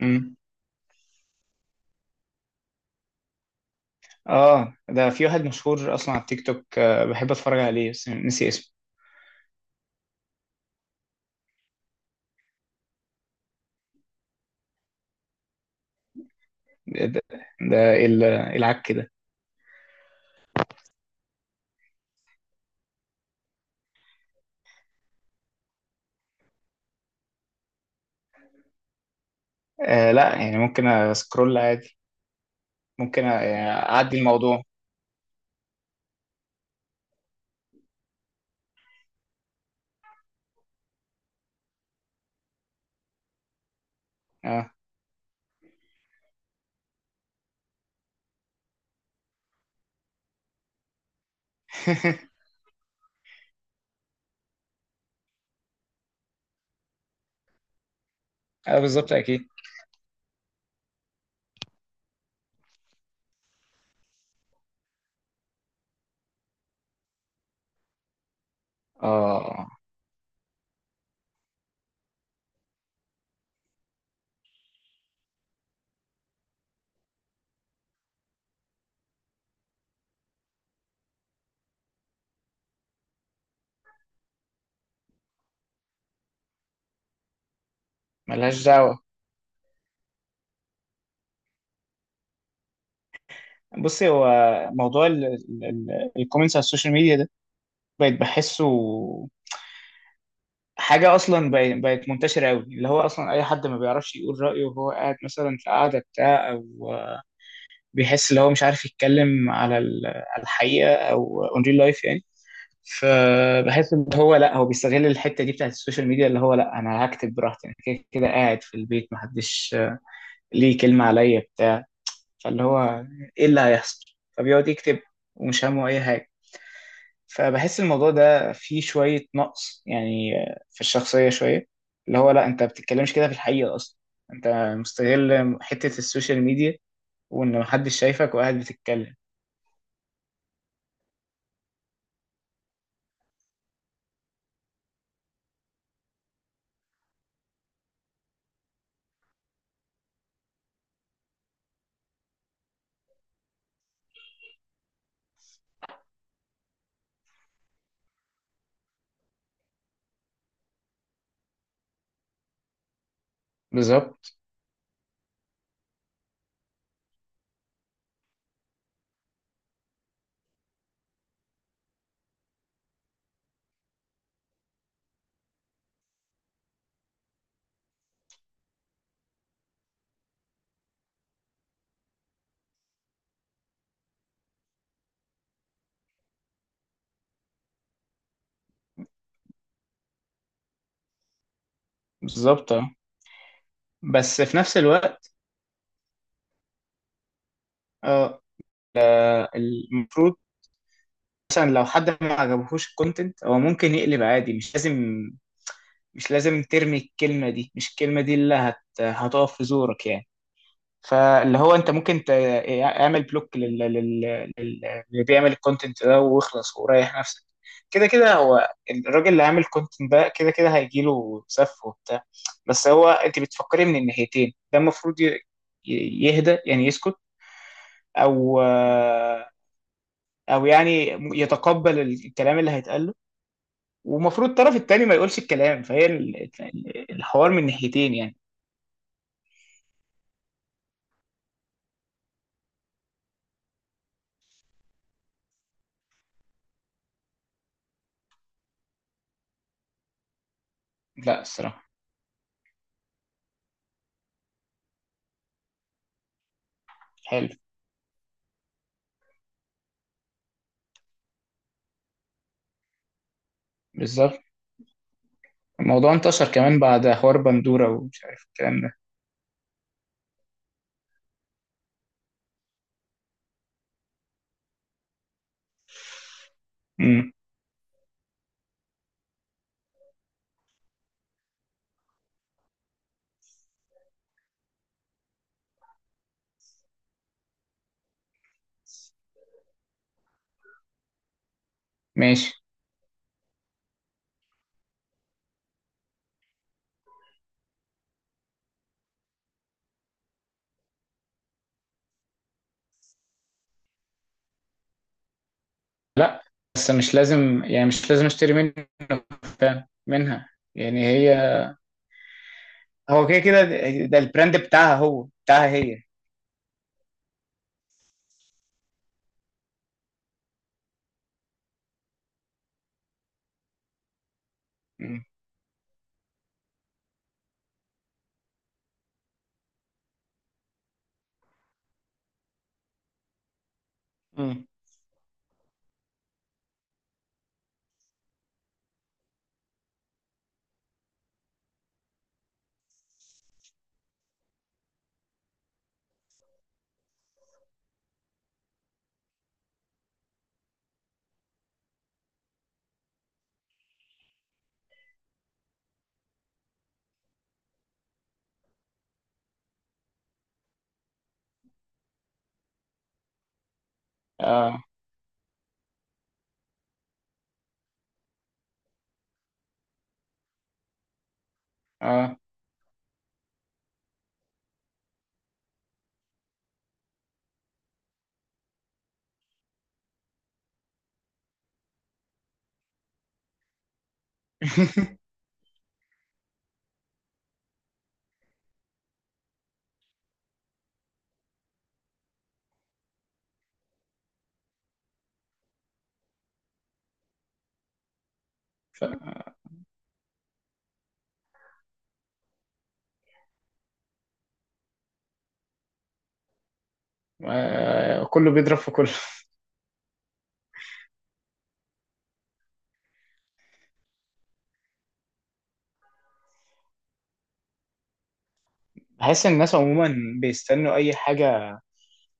امم اه، ده في واحد مشهور اصلا على التيك توك، بحب اتفرج عليه بس نسي اسمه. ده, ده ده، العك ده. آه، لا يعني ممكن اسكرول عادي. ممكن يعني اعدي الموضوع. اه. آه، بالظبط اكيد. اه، ملهاش دعوة. بصي، هو موضوع الكومنتس على السوشيال ميديا ده بقيت بحسه حاجة. أصلا بقت منتشرة أوي، اللي هو أصلا أي حد ما بيعرفش يقول رأيه وهو قاعد مثلا في قعدة بتاع، أو بيحس اللي هو مش عارف يتكلم على على الحقيقه، او اون ريل لايف يعني. فبحس ان هو، لا، هو بيستغل الحته دي بتاعت السوشيال ميديا، اللي هو لا انا هكتب براحتي. انا كده كده قاعد في البيت، محدش ليه كلمه عليا بتاع. فاللي هو ايه اللي هيحصل؟ فبيقعد يكتب ومش همه اي حاجه. فبحس الموضوع ده فيه شويه نقص يعني، في الشخصيه شويه، اللي هو لا، انت بتتكلمش كده في الحقيقه اصلا. انت مستغل حته السوشيال ميديا وان محدش شايفك، وقاعد بتتكلم. بالظبط، بالظبط، اه. بس في نفس الوقت، اه المفروض مثلا لو حد ما عجبهوش الكونتنت، هو ممكن يقلب عادي. مش لازم، مش لازم ترمي الكلمة دي. مش الكلمة دي اللي هتقف في زورك يعني. فاللي هو انت ممكن اعمل بلوك لل... اللي بيعمل الكونتنت ده، واخلص وريح نفسك. كده كده هو الراجل اللي عامل كونتنت ده كده كده هيجيله سف وبتاع. بس هو انت بتفكري من الناحيتين. ده المفروض يهدى، يعني يسكت، او او يعني يتقبل الكلام اللي هيتقال له. ومفروض الطرف التاني ما يقولش الكلام، فهي الحوار من ناحيتين يعني. لا الصراحة. حلو. بالظبط، الموضوع انتشر كمان بعد حوار بندورة ومش عارف الكلام ده. امم. ماشي. لا، بس مش لازم يعني مش لازم اشتري منه. فعلا منها. يعني هي، هو كده كده ده البراند بتاعها، هو بتاعها هي. امم. امم. اه. اه. آه، كله بيضرب في كله. بحس ان الناس عموما بيستنوا اي حاجه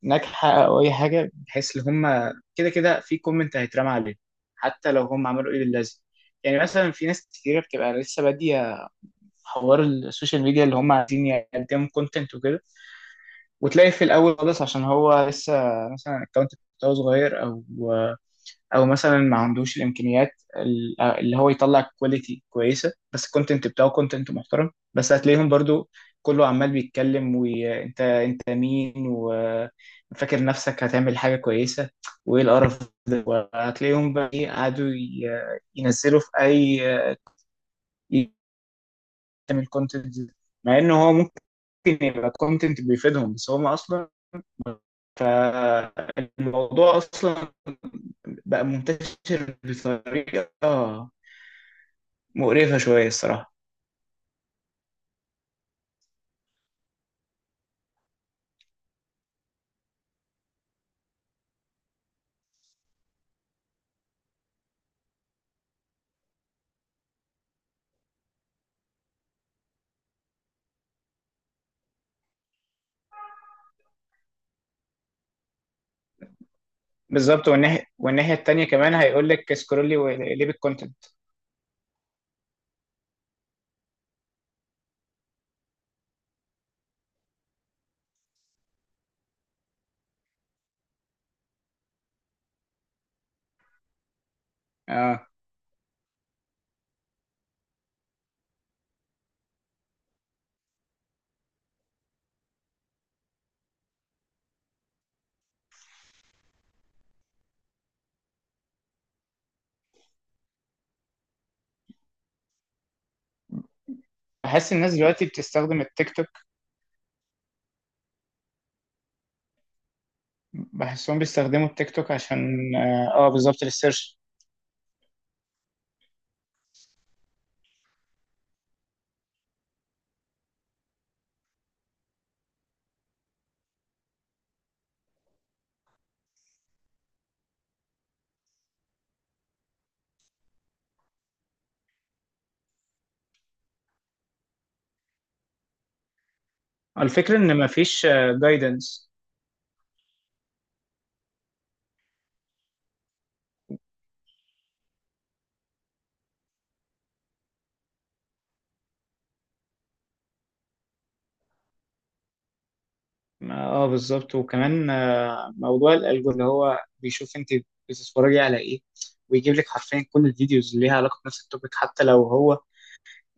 ناجحه او اي حاجه، بحيث ان هم كده كده في كومنت هيترمى عليه حتى لو هم عملوا ايه للازم. يعني مثلا في ناس كتيره بتبقى لسه باديه حوار السوشيال ميديا، اللي هم عايزين يقدموا كونتنت وكده، وتلاقي في الاول خالص عشان هو لسه، مثلا الاكونت بتاعه صغير، او مثلا ما عندوش الامكانيات اللي هو يطلع كواليتي كويسه، بس الكونتنت بتاعه كونتنت محترم. بس هتلاقيهم برضو كله عمال بيتكلم، وانت انت مين وفاكر نفسك هتعمل حاجه كويسه وايه القرف ده. وهتلاقيهم بقى إيه قعدوا ينزلوا في اي، يعمل كونتنت، مع ان هو ممكن يبقى كونتنت بيفيدهم بس هم اصلا. فالموضوع اصلا بقى منتشر بطريقه مقرفة شوية الصراحة. بالظبط، والناحية التانية كمان هيقول لك سكرولي وليب الكونتنت. اه، بحس الناس دلوقتي بتستخدم التيك توك. بحسهم بيستخدموا التيك توك عشان آه، بالظبط للسيرش. الفكرة ان مفيش جايدنس. اه، بالظبط، وكمان آه، موضوع الالجو اللي هو بيشوف انت بتتفرجي على ايه، ويجيب لك حرفيا كل الفيديوز اللي ليها علاقة بنفس التوبيك، حتى لو هو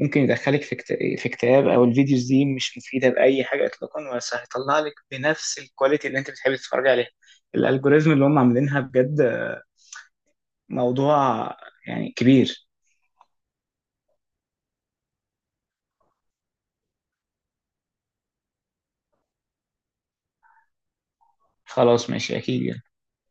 ممكن يدخلك في اكتئاب، او الفيديوز دي مش مفيده باي حاجه اطلاقا، بس هيطلع لك بنفس الكواليتي اللي انت بتحبي تتفرجي عليها. الالجوريزم اللي هم عاملينها بجد موضوع يعني كبير. خلاص ماشي اكيد.